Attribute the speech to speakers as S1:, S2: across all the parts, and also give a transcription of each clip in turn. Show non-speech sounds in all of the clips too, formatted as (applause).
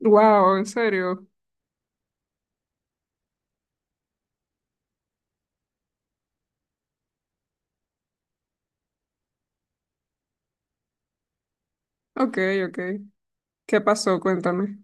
S1: Wow, ¿en serio? Ok, ok. ¿Qué pasó? Cuéntame.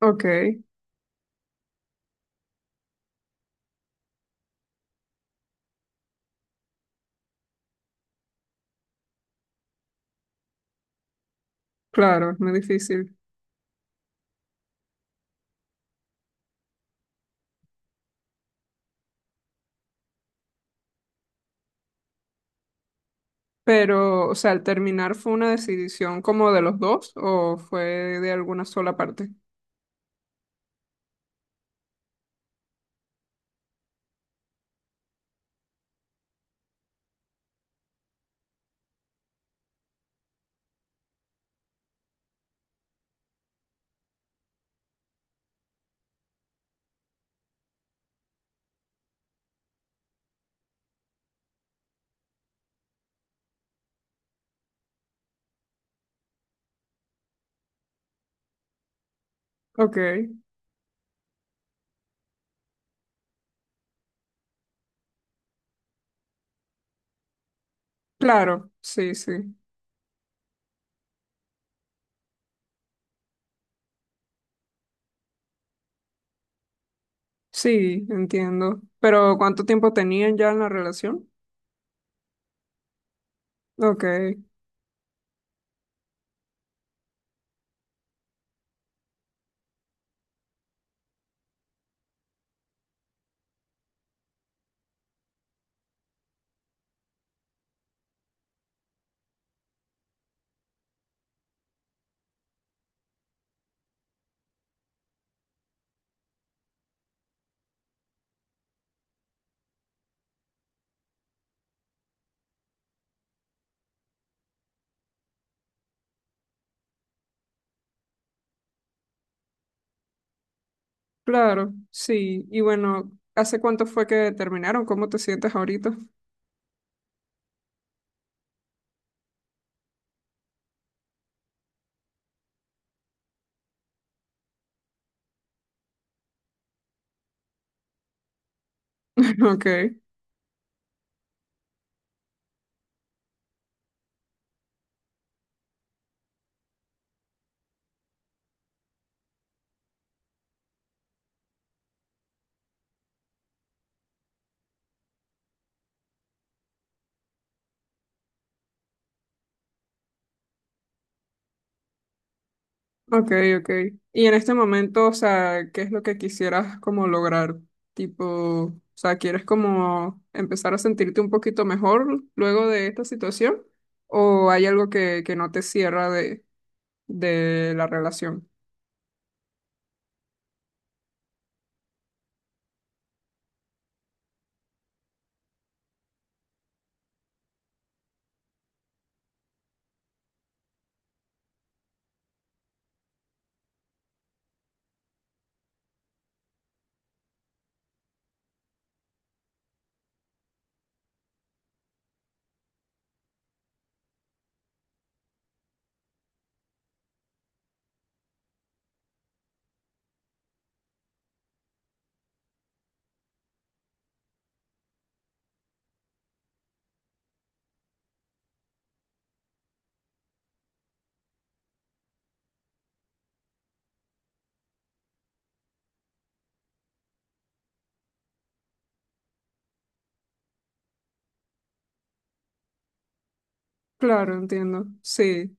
S1: Ok, claro, es muy difícil. Pero, o sea, al terminar, ¿fue una decisión como de los dos o fue de alguna sola parte? Ok, claro, sí, sí. Sí, entiendo. Pero, ¿cuánto tiempo tenían ya en la relación? Ok, claro, sí. Y bueno, ¿hace cuánto fue que terminaron? ¿Cómo te sientes ahorita? (laughs) Ok. Ok, ok. Y en este momento, o sea, ¿qué es lo que quisieras como lograr? Tipo, o sea, ¿quieres como empezar a sentirte un poquito mejor luego de esta situación? ¿O hay algo que no te cierra de la relación? Claro, entiendo. Sí.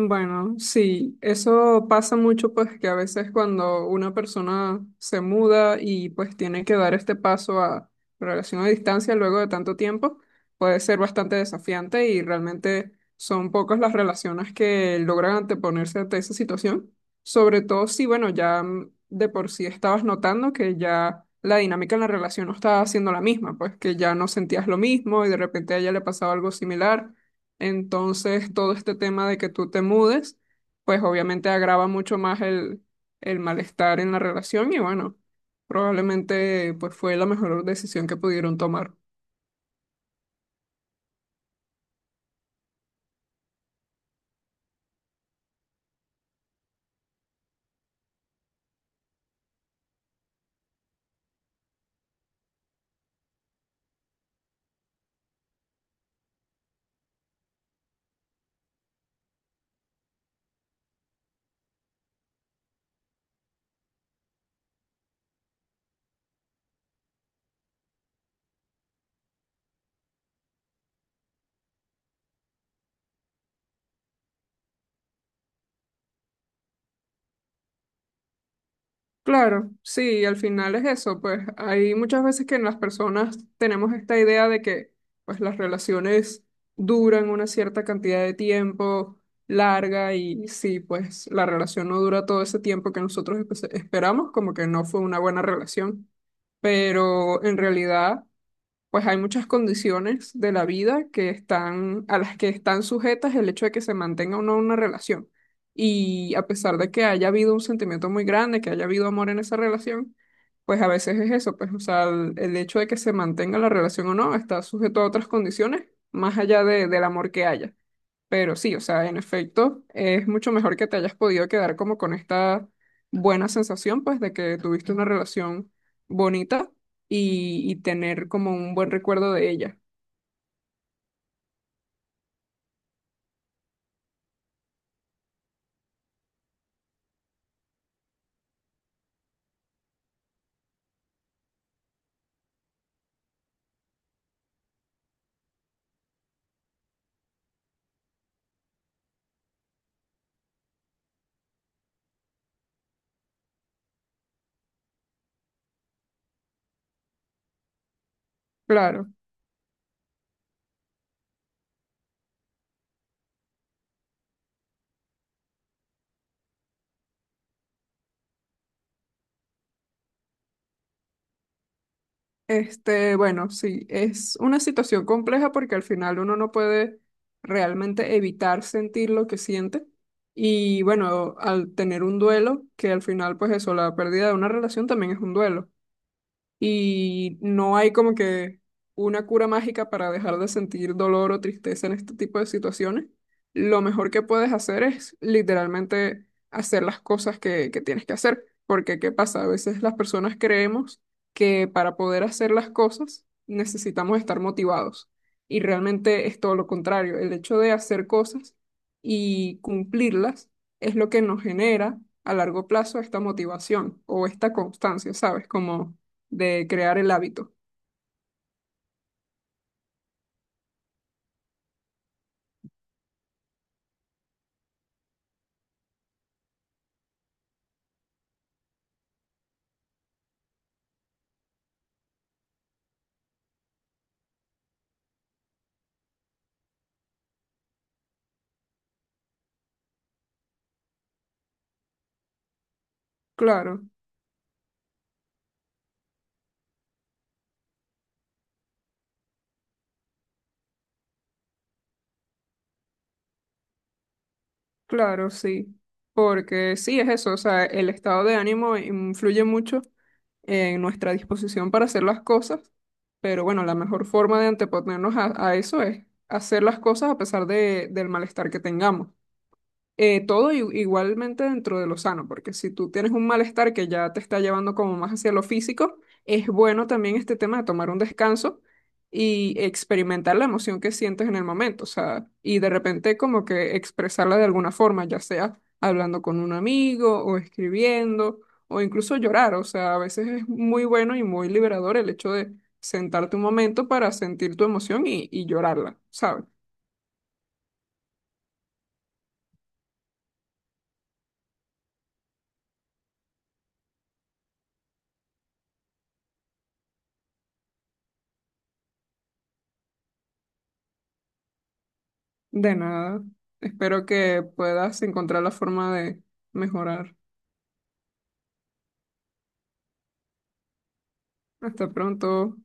S1: Bueno, sí, eso pasa mucho, pues que a veces cuando una persona se muda y pues tiene que dar este paso a relación a distancia luego de tanto tiempo, puede ser bastante desafiante, y realmente son pocas las relaciones que logran anteponerse ante esa situación, sobre todo si, bueno, ya de por sí estabas notando que ya la dinámica en la relación no estaba siendo la misma, pues que ya no sentías lo mismo y de repente a ella le pasaba algo similar. Entonces, todo este tema de que tú te mudes, pues obviamente agrava mucho más el malestar en la relación, y bueno, probablemente pues fue la mejor decisión que pudieron tomar. Claro, sí, al final es eso, pues hay muchas veces que en las personas tenemos esta idea de que pues las relaciones duran una cierta cantidad de tiempo larga, y si pues la relación no dura todo ese tiempo que nosotros esperamos, como que no fue una buena relación. Pero en realidad, pues hay muchas condiciones de la vida que están, a las que están sujetas el hecho de que se mantenga o no una relación. Y a pesar de que haya habido un sentimiento muy grande, que haya habido amor en esa relación, pues a veces es eso, pues, o sea, el hecho de que se mantenga la relación o no está sujeto a otras condiciones más allá del amor que haya. Pero sí, o sea, en efecto, es mucho mejor que te hayas podido quedar como con esta buena sensación, pues, de que tuviste una relación bonita y tener como un buen recuerdo de ella. Claro. Este, bueno, sí, es una situación compleja porque al final uno no puede realmente evitar sentir lo que siente. Y bueno, al tener un duelo, que al final, pues eso, la pérdida de una relación también es un duelo. Y no hay como que una cura mágica para dejar de sentir dolor o tristeza en este tipo de situaciones, lo mejor que puedes hacer es literalmente hacer las cosas que tienes que hacer. Porque, ¿qué pasa? A veces las personas creemos que para poder hacer las cosas necesitamos estar motivados. Y realmente es todo lo contrario. El hecho de hacer cosas y cumplirlas es lo que nos genera a largo plazo esta motivación o esta constancia, ¿sabes? Como de crear el hábito. Claro, claro, sí. Porque sí es eso, o sea, el estado de ánimo influye mucho en nuestra disposición para hacer las cosas, pero bueno, la mejor forma de anteponernos a eso es hacer las cosas a pesar de, del malestar que tengamos. Todo igualmente dentro de lo sano, porque si tú tienes un malestar que ya te está llevando como más hacia lo físico, es bueno también este tema de tomar un descanso y experimentar la emoción que sientes en el momento, o sea, y de repente como que expresarla de alguna forma, ya sea hablando con un amigo o escribiendo o incluso llorar, o sea, a veces es muy bueno y muy liberador el hecho de sentarte un momento para sentir tu emoción y llorarla, ¿sabes? De nada. Espero que puedas encontrar la forma de mejorar. Hasta pronto.